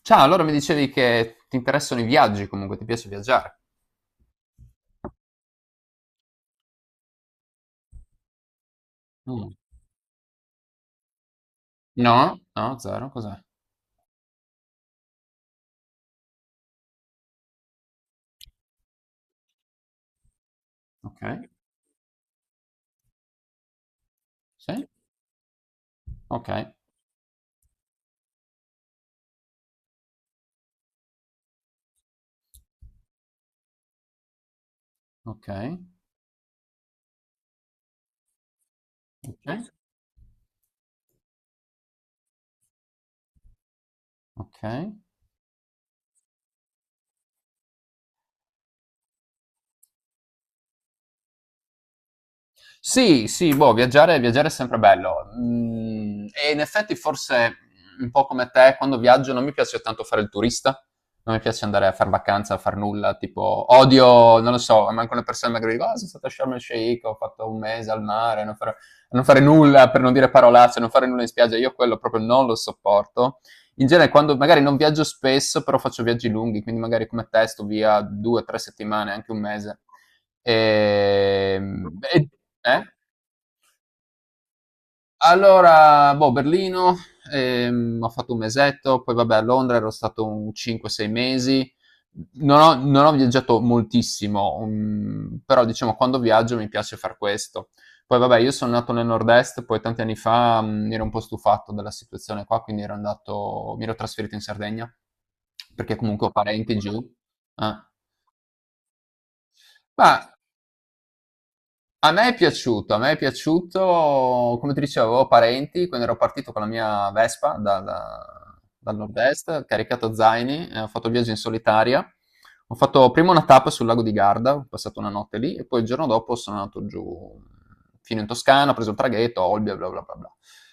Ciao, allora mi dicevi che ti interessano i viaggi, comunque ti piace viaggiare. Mm. No? No, zero, cos'è? Ok, sì, ok, ok, sì. Ok, ok. Sì, sì, boh, viaggiare, viaggiare è sempre bello. E in effetti forse un po' come te, quando viaggio non mi piace tanto fare il turista, non mi piace andare a far vacanza, a far nulla, tipo odio, non lo so, manco le persone magari dicono, ah, sono stato a Sharm el Sheikh, ho fatto un mese al mare, non fare, non fare nulla, per non dire parolacce, non fare nulla in spiaggia, io quello proprio non lo sopporto. In genere, quando magari non viaggio spesso, però faccio viaggi lunghi, quindi magari come te sto via 2, 3 settimane, anche un mese. Ehm, e- eh? Allora, boh, Berlino, ho fatto un mesetto, poi vabbè a Londra ero stato un 5-6 mesi, non ho viaggiato moltissimo, però diciamo quando viaggio mi piace far questo. Poi vabbè, io sono nato nel nord-est, poi tanti anni fa mi ero un po' stufato della situazione qua, quindi ero andato, mi ero trasferito in Sardegna, perché comunque ho parenti giù. Eh. Ma A me è piaciuto, a me è piaciuto, come ti dicevo, avevo parenti, quindi ero partito con la mia Vespa dal, nord-est, caricato a zaini, ho fatto il viaggio in solitaria. Ho fatto prima una tappa sul lago di Garda, ho passato una notte lì e poi il giorno dopo sono andato giù fino in Toscana, ho preso il traghetto, Olbia, bla bla bla bla.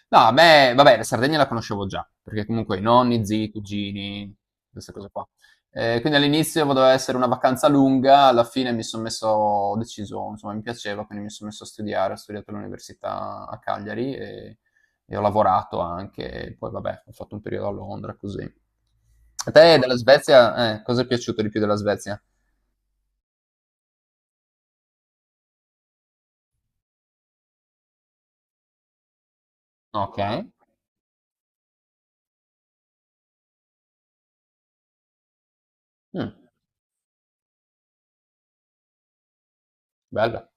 No, a me, vabbè, la Sardegna la conoscevo già, perché comunque i nonni, zii, cugini, queste cose qua. Quindi all'inizio doveva essere una vacanza lunga, alla fine mi son messo ho deciso, insomma mi piaceva, quindi mi son messo a studiare, ho studiato all'università a Cagliari e ho lavorato anche, poi vabbè, ho fatto un periodo a Londra, così. A te della Svezia cosa è piaciuto di più della Svezia? Okay. Mh, bella.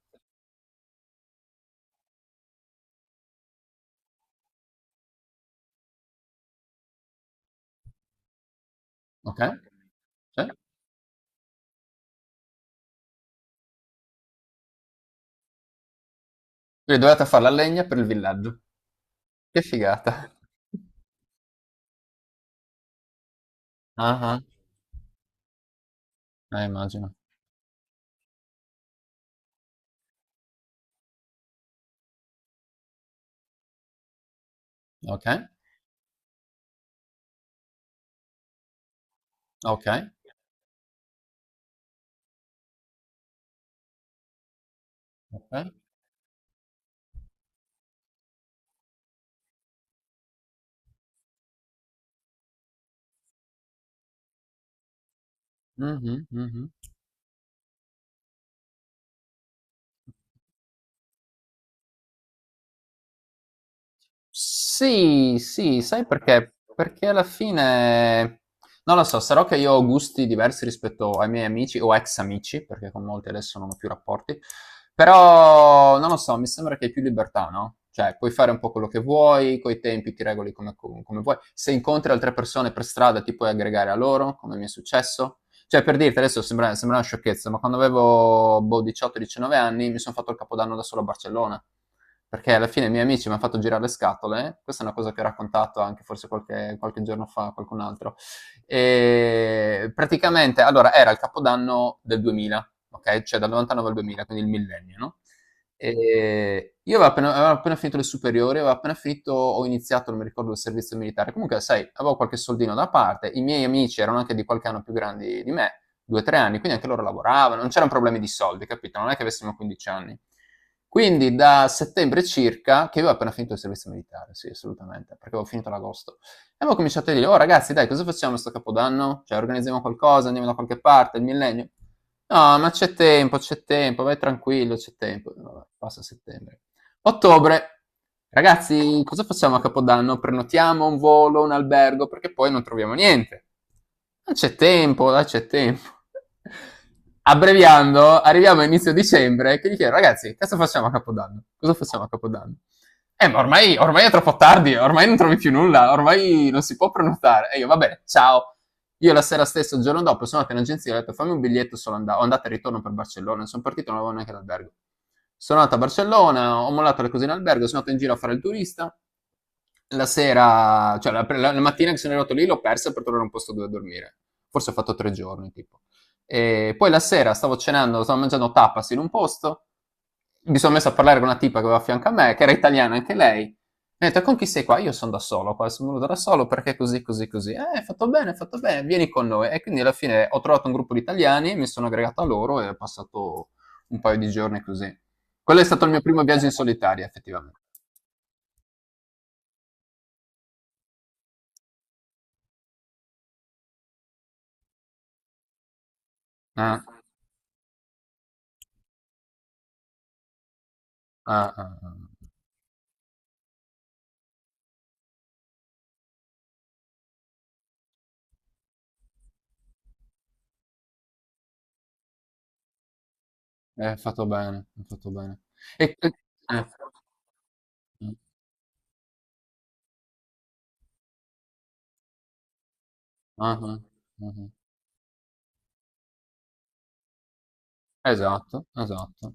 Okay, sì. Quindi dovevate far la legna per il villaggio. Che figata. Ah-ah. Immagino. Okay, okay, okay. Mh-mh, mh-mh. Sì, sì, sai perché? Perché alla fine, non lo so, sarò che io ho gusti diversi rispetto ai miei amici o ex amici, perché con molti adesso non ho più rapporti, però non lo so, mi sembra che hai più libertà, no? Cioè, puoi fare un po' quello che vuoi, coi tempi ti regoli come vuoi. Se incontri altre persone per strada ti puoi aggregare a loro, come mi è successo. Cioè, per dirti, adesso sembra una sciocchezza, ma quando avevo boh, 18-19 anni mi sono fatto il capodanno da solo a Barcellona. Perché alla fine i miei amici mi hanno fatto girare le scatole. Questa è una cosa che ho raccontato anche forse qualche giorno fa a qualcun altro. E praticamente, allora, era il capodanno del 2000, ok? Cioè dal 99 al 2000, quindi il millennio, no? E io avevo appena finito le superiori, avevo appena finito ho iniziato, non mi ricordo, il servizio militare. Comunque, sai, avevo qualche soldino da parte, i miei amici erano anche di qualche anno più grandi di me, 2, 3 anni, quindi anche loro lavoravano, non c'erano problemi di soldi, capito? Non è che avessimo 15 anni. Quindi da settembre circa, che io avevo appena finito il servizio militare, sì, assolutamente, perché avevo finito ad agosto. E avevo cominciato a dire, oh ragazzi, dai, cosa facciamo sto capodanno? Cioè, organizziamo qualcosa, andiamo da qualche parte, il millennio. No, ma c'è tempo, vai tranquillo, c'è tempo. Vabbè, passa settembre. Ottobre. Ragazzi, cosa facciamo a Capodanno? Prenotiamo un volo, un albergo, perché poi non troviamo niente. Non c'è tempo, dai, c'è tempo. Abbreviando, arriviamo a inizio dicembre che gli chiedo, ragazzi, cosa facciamo a Capodanno? Cosa facciamo a Capodanno? Ma ormai, ormai è troppo tardi, ormai non trovi più nulla, ormai non si può prenotare. E io, va bene, ciao. Io la sera stessa, il giorno dopo, sono andato in agenzia e ho detto fammi un biglietto solo andata, andata e ritorno per Barcellona. Non Sono partito, non avevo neanche l'albergo. Sono andato a Barcellona, ho mollato le cose in albergo, sono andato in giro a fare il turista. La sera, cioè la mattina che sono arrivato lì l'ho persa per trovare un posto dove dormire. Forse ho fatto 3 giorni, tipo. E poi la sera stavo cenando, stavo mangiando tapas in un posto mi sono messo a parlare con una tipa che aveva a fianco a me, che era italiana anche lei. Mi ha detto, con chi sei qua? Io sono da solo qua, sono venuto da solo perché così, così, così. Hai fatto bene, vieni con noi. E quindi alla fine ho trovato un gruppo di italiani, mi sono aggregato a loro e ho passato un paio di giorni così. Quello è stato il mio primo viaggio in solitaria, effettivamente. Ah, ah, ah, ah. Eh, hai fatto bene, hai fatto bene. E, e- eh, eh, ah, ah, ah, ah. Esatto, esatto.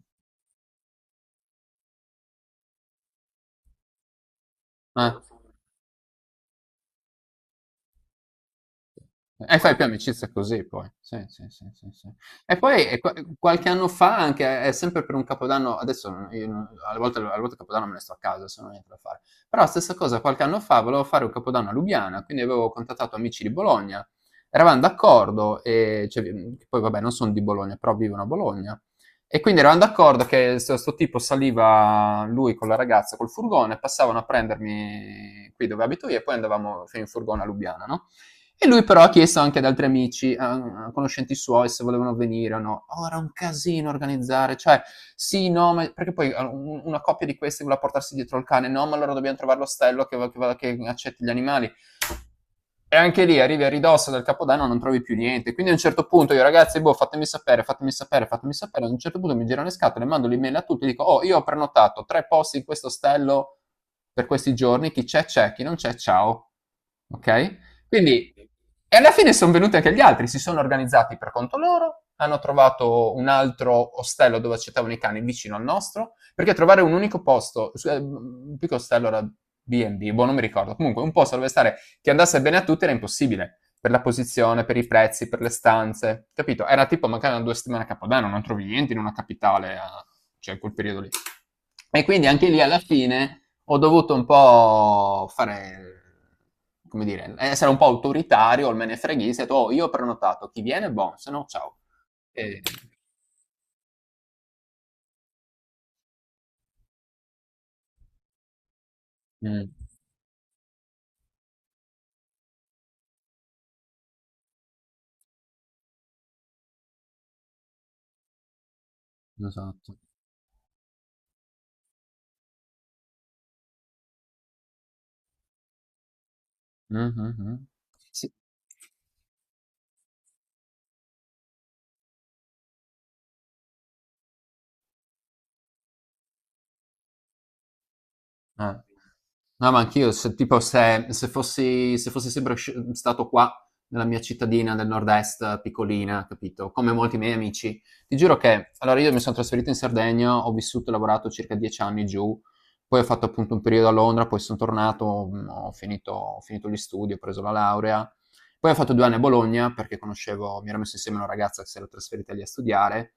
Eh. E fai più amicizia così poi. Sì, sì, sì, sì, sì. E poi qualche anno fa anche, è sempre per un capodanno, adesso non- io non- alle volte, il capodanno me ne sto a casa, se non ho niente da fare. Però stessa cosa, qualche anno fa volevo fare un capodanno a Lubiana, quindi avevo contattato amici di Bologna, eravamo d'accordo, e, cioè, che poi vabbè non sono di Bologna, però vivono a Bologna. E quindi eravamo d'accordo che questo tipo saliva lui con la ragazza col furgone, passavano a prendermi qui dove abito io e poi andavamo fino in furgone a Lubiana, no? E lui però ha chiesto anche ad altri amici, a conoscenti suoi, se volevano venire o no. Oh, era un casino organizzare, cioè, sì, no, ma perché poi una coppia di questi voleva portarsi dietro il cane, no, ma allora dobbiamo trovare l'ostello che accetti gli animali. E anche lì arrivi a ridosso del capodanno non trovi più niente. Quindi a un certo punto io, ragazzi, boh, fatemi sapere, fatemi sapere, fatemi sapere. Ad un certo punto mi girano le scatole, mando l'email a tutti, dico, oh, io ho prenotato tre posti in questo ostello per questi giorni, chi c'è c'è, chi non c'è ciao. Ok? Quindi, e alla fine sono venuti anche gli altri, si sono organizzati per conto loro, hanno trovato un altro ostello dove accettavano i cani vicino al nostro, perché trovare un unico posto, un piccolo ostello era B&B, boh, non mi ricordo, comunque un posto dove stare che andasse bene a tutti era impossibile, per la posizione, per i prezzi, per le stanze, capito? Era tipo mancavano 2 settimane a Capodanno, non trovi niente in una capitale, cioè in quel periodo lì. E quindi anche lì alla fine ho dovuto un po' fare, come dire, essere un po' autoritario, il me ne freghista, ho detto, "Oh, io ho prenotato, chi viene, buon, se no ciao. E... Mm, esatto. Mhm, mhm. Sì. Eh. No, ma anch'io, se, tipo, se fossi sempre stato qua, nella mia cittadina del nord-est, piccolina, capito? Come molti miei amici. Ti giuro che, allora, io mi sono trasferito in Sardegna, ho vissuto e lavorato circa 10 anni giù, poi ho fatto appunto un periodo a Londra, poi sono tornato, ho finito gli studi, ho preso la laurea, poi ho fatto 2 anni a Bologna perché conoscevo, mi ero messo insieme a una ragazza che si era trasferita lì a studiare,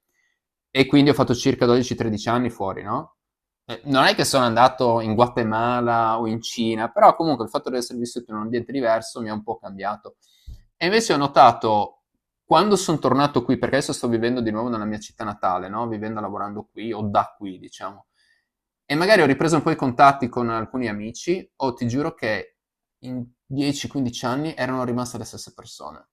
e quindi ho fatto circa 12-13 anni fuori, no? Non è che sono andato in Guatemala o in Cina, però comunque il fatto di essere vissuto in un ambiente diverso mi ha un po' cambiato. E invece ho notato quando sono tornato qui, perché adesso sto vivendo di nuovo nella mia città natale, no? Vivendo e lavorando qui o da qui, diciamo. E magari ho ripreso un po' i contatti con alcuni amici, o ti giuro che in 10-15 anni erano rimaste le stesse persone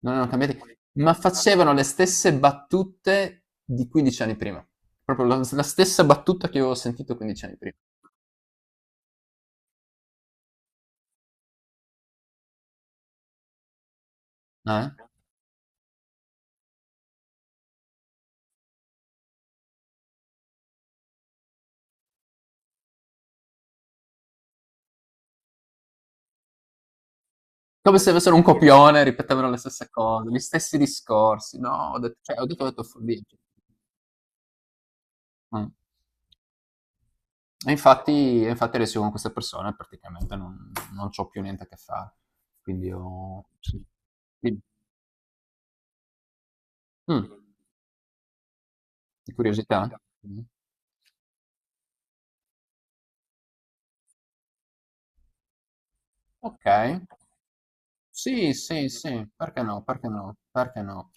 non erano cambiati, ma facevano le stesse battute di 15 anni prima. Proprio la stessa battuta che io avevo sentito 15 anni prima. Ah, eh? Come se avessero un copione, ripetevano le stesse cose, gli stessi discorsi. No, ho detto, cioè, ho detto follia. Mm. E infatti adesso io con queste persone praticamente non c'ho più niente a che fare. Sì. Sì. Mm, di curiosità? Mm. Ok. Sì, sì, sì. Perché no? Perché no? Perché no?